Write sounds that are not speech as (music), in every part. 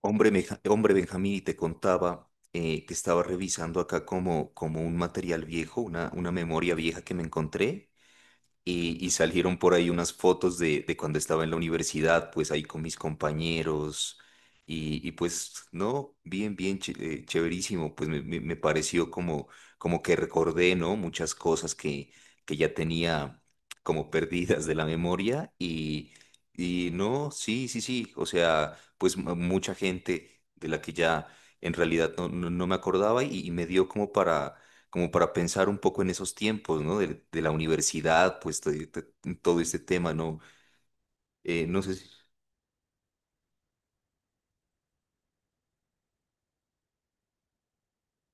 Hombre, hombre Benjamín, y te contaba que estaba revisando acá como un material viejo, una memoria vieja que me encontré y salieron por ahí unas fotos de cuando estaba en la universidad, pues ahí con mis compañeros. Y pues, no, bien, bien, chéverísimo. Pues me pareció como, como que recordé, ¿no? Muchas cosas que ya tenía como perdidas de la memoria. Y no, sí, sí, sí. O sea, pues mucha gente de la que ya en realidad no, no me acordaba y me dio como para como para pensar un poco en esos tiempos, ¿no? De la universidad, pues todo este tema, ¿no? No sé si-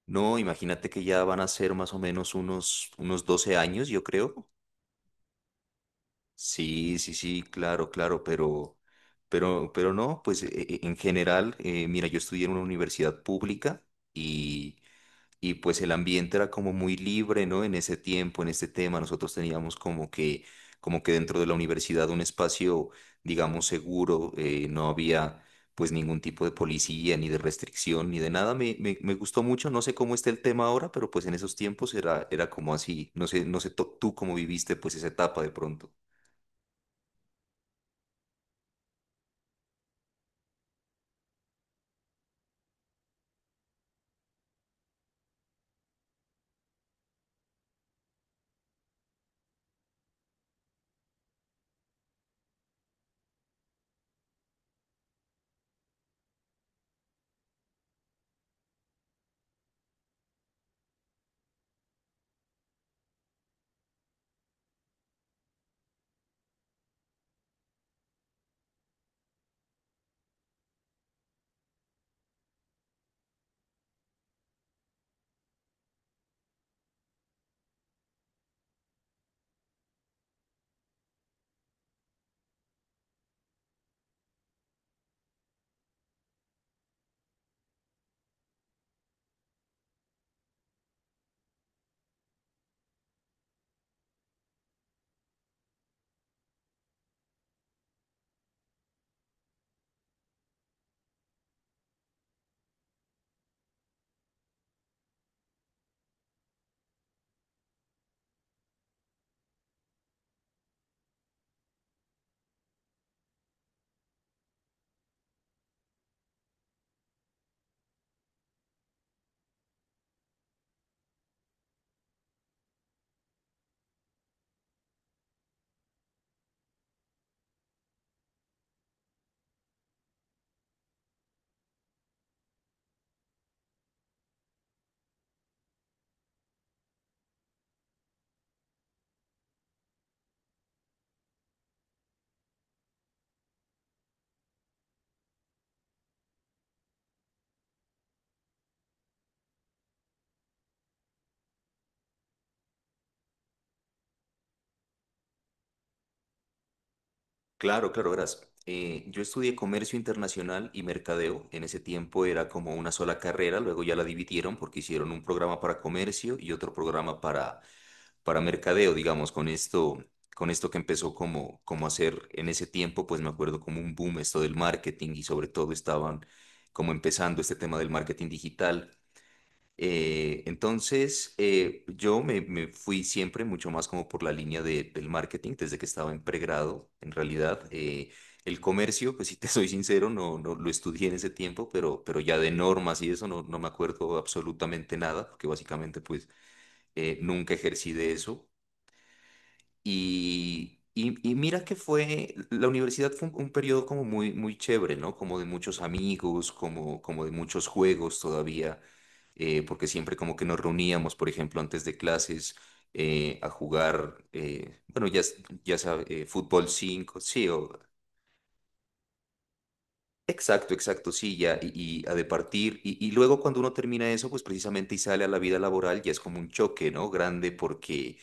No, imagínate que ya van a ser más o menos unos 12 años, yo creo. Sí, sí, sí, claro, claro, pero no, pues en general, mira, yo estudié en una universidad pública y. Y pues el ambiente era como muy libre, ¿no? En ese tiempo, en este tema, nosotros teníamos como que dentro de la universidad un espacio, digamos, seguro, no había pues ningún tipo de policía, ni de restricción, ni de nada. Me gustó mucho, no sé cómo está el tema ahora, pero pues en esos tiempos era, era como así. No sé, tú cómo viviste pues esa etapa de pronto. Claro, claro, verás. Yo estudié comercio internacional y mercadeo. En ese tiempo era como una sola carrera, luego ya la dividieron porque hicieron un programa para comercio y otro programa para mercadeo, digamos, con esto que empezó como, como hacer en ese tiempo, pues me acuerdo como un boom esto del marketing y sobre todo estaban como empezando este tema del marketing digital. Yo me fui siempre mucho más como por la del marketing desde que estaba en pregrado, en realidad. El comercio, pues si te (laughs) soy sincero, no, no lo estudié en ese tiempo, pero ya de normas y eso no, no me acuerdo absolutamente nada, porque básicamente pues nunca ejercí de eso. Y mira que fue, la universidad fue un periodo como muy, muy chévere, ¿no? Como de muchos amigos, como, como de muchos juegos todavía, porque siempre como que nos reuníamos, por ejemplo, antes de clases a jugar, bueno, ya, ya sabes, fútbol 5 sí, o exacto, exacto, sí, ya, y ha de partir. Y luego cuando uno termina eso, pues precisamente y sale a la vida laboral, ya es como un choque, ¿no? Grande porque,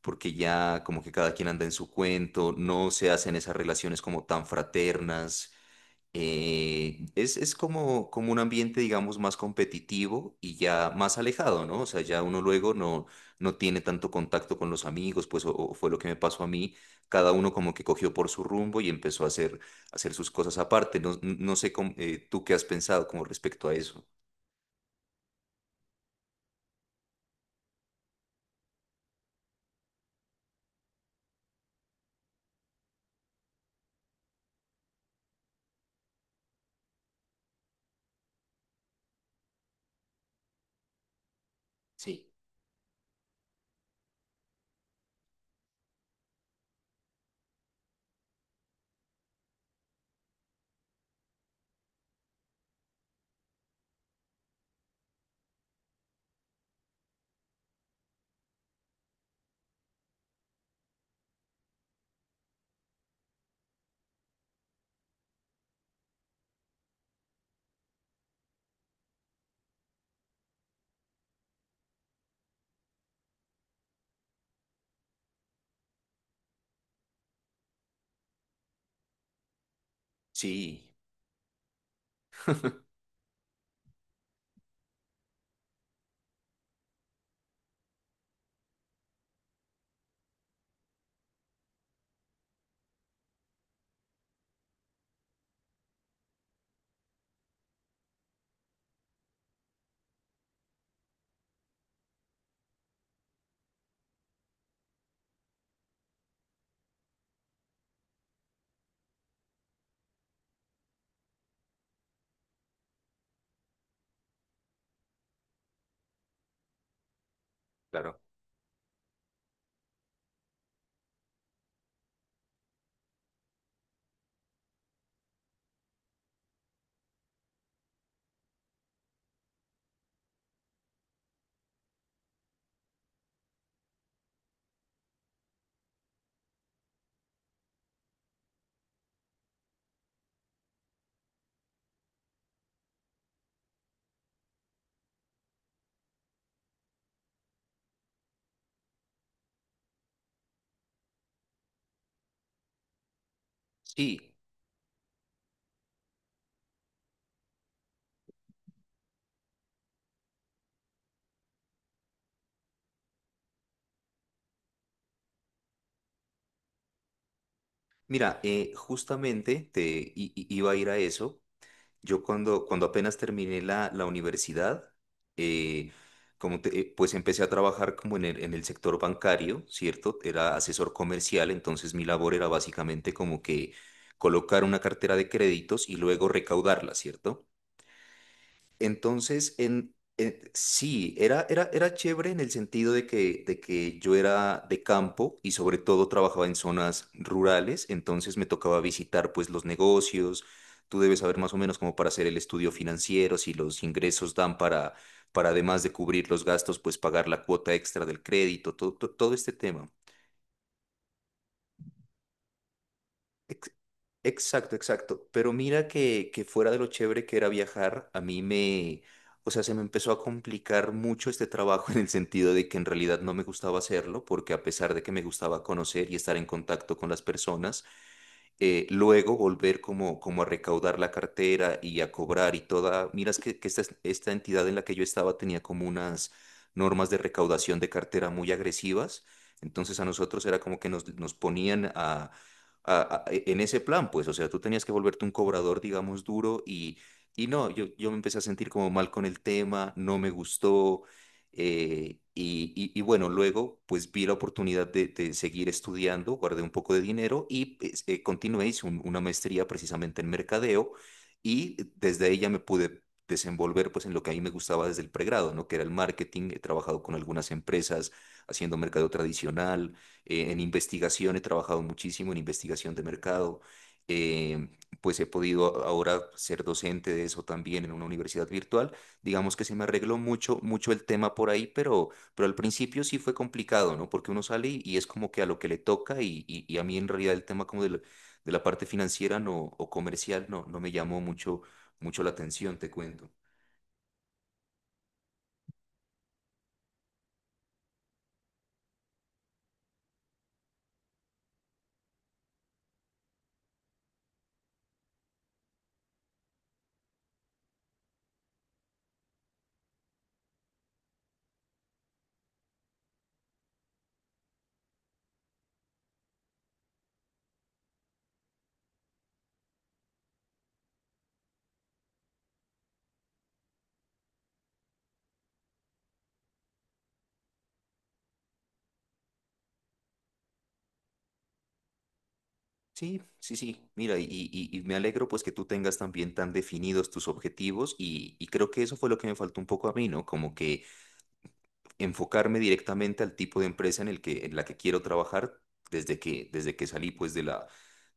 porque ya como que cada quien anda en su cuento, no se hacen esas relaciones como tan fraternas, es como, como un ambiente, digamos, más competitivo y ya más alejado, ¿no? O sea, ya uno luego no, no tiene tanto contacto con los amigos, pues o fue lo que me pasó a mí. Cada uno como que cogió por su rumbo y empezó a hacer sus cosas aparte. No, no sé cómo, tú qué has pensado como respecto a eso. Sí, sí, (laughs) claro. Sí. Mira, justamente iba a ir a eso. Yo cuando, cuando apenas terminé la, la universidad, eh, pues empecé a trabajar como en el sector bancario, ¿cierto? Era asesor comercial, entonces mi labor era básicamente como que colocar una cartera de créditos y luego recaudarla, ¿cierto? Entonces, sí, era, era, era chévere en el sentido de que yo era de campo y sobre todo trabajaba en zonas rurales, entonces me tocaba visitar pues los negocios, tú debes saber más o menos cómo para hacer el estudio financiero, si los ingresos dan para además de cubrir los gastos, pues pagar la cuota extra del crédito, todo, todo todo este tema. Ex- Exacto, exacto. Pero mira que fuera de lo chévere que era viajar, a mí me, o sea, se me empezó a complicar mucho este trabajo (laughs) en el sentido de que en realidad no me gustaba hacerlo, porque a pesar de que me gustaba conocer y estar en contacto con las personas, luego volver como, como a recaudar la cartera y a cobrar y toda, miras que esta, esta entidad en la que yo estaba tenía como unas normas de recaudación de cartera muy agresivas, entonces a nosotros era como que nos ponían a, en ese plan, pues, o sea, tú tenías que volverte un cobrador, digamos, duro y no, yo me empecé a sentir como mal con el tema, no me gustó. Y bueno, luego pues vi la oportunidad de seguir estudiando, guardé un poco de dinero y pues, continué, hice una maestría precisamente en mercadeo y desde ella me pude desenvolver pues en lo que a mí me gustaba desde el pregrado, ¿no? Que era el marketing, he trabajado con algunas empresas haciendo mercadeo tradicional en investigación he trabajado muchísimo en investigación de mercado. eh, pues he podido ahora ser docente de eso también en una universidad virtual. Digamos que se me arregló mucho, mucho el tema por ahí, pero al principio sí fue complicado, ¿no? Porque uno sale y es como que a lo que le toca y a mí en realidad el tema como de la parte financiera no, o comercial no, no me llamó mucho, mucho la atención, te cuento. Sí, sí, sí. Mira, y me alegro pues que tú tengas también tan definidos tus objetivos y creo que eso fue lo que me faltó un poco a mí, ¿no? Como que enfocarme directamente al tipo de empresa en el que, en la que quiero trabajar desde que salí pues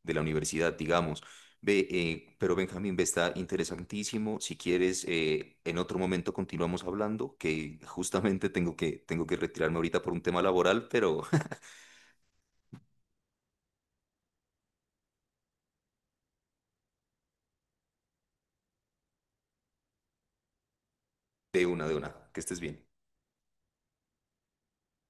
de la universidad, digamos. Ve, pero Benjamín, ve, está interesantísimo. Si quieres, en otro momento continuamos hablando, que justamente tengo que retirarme ahorita por un tema laboral, pero (laughs) de una, que estés bien.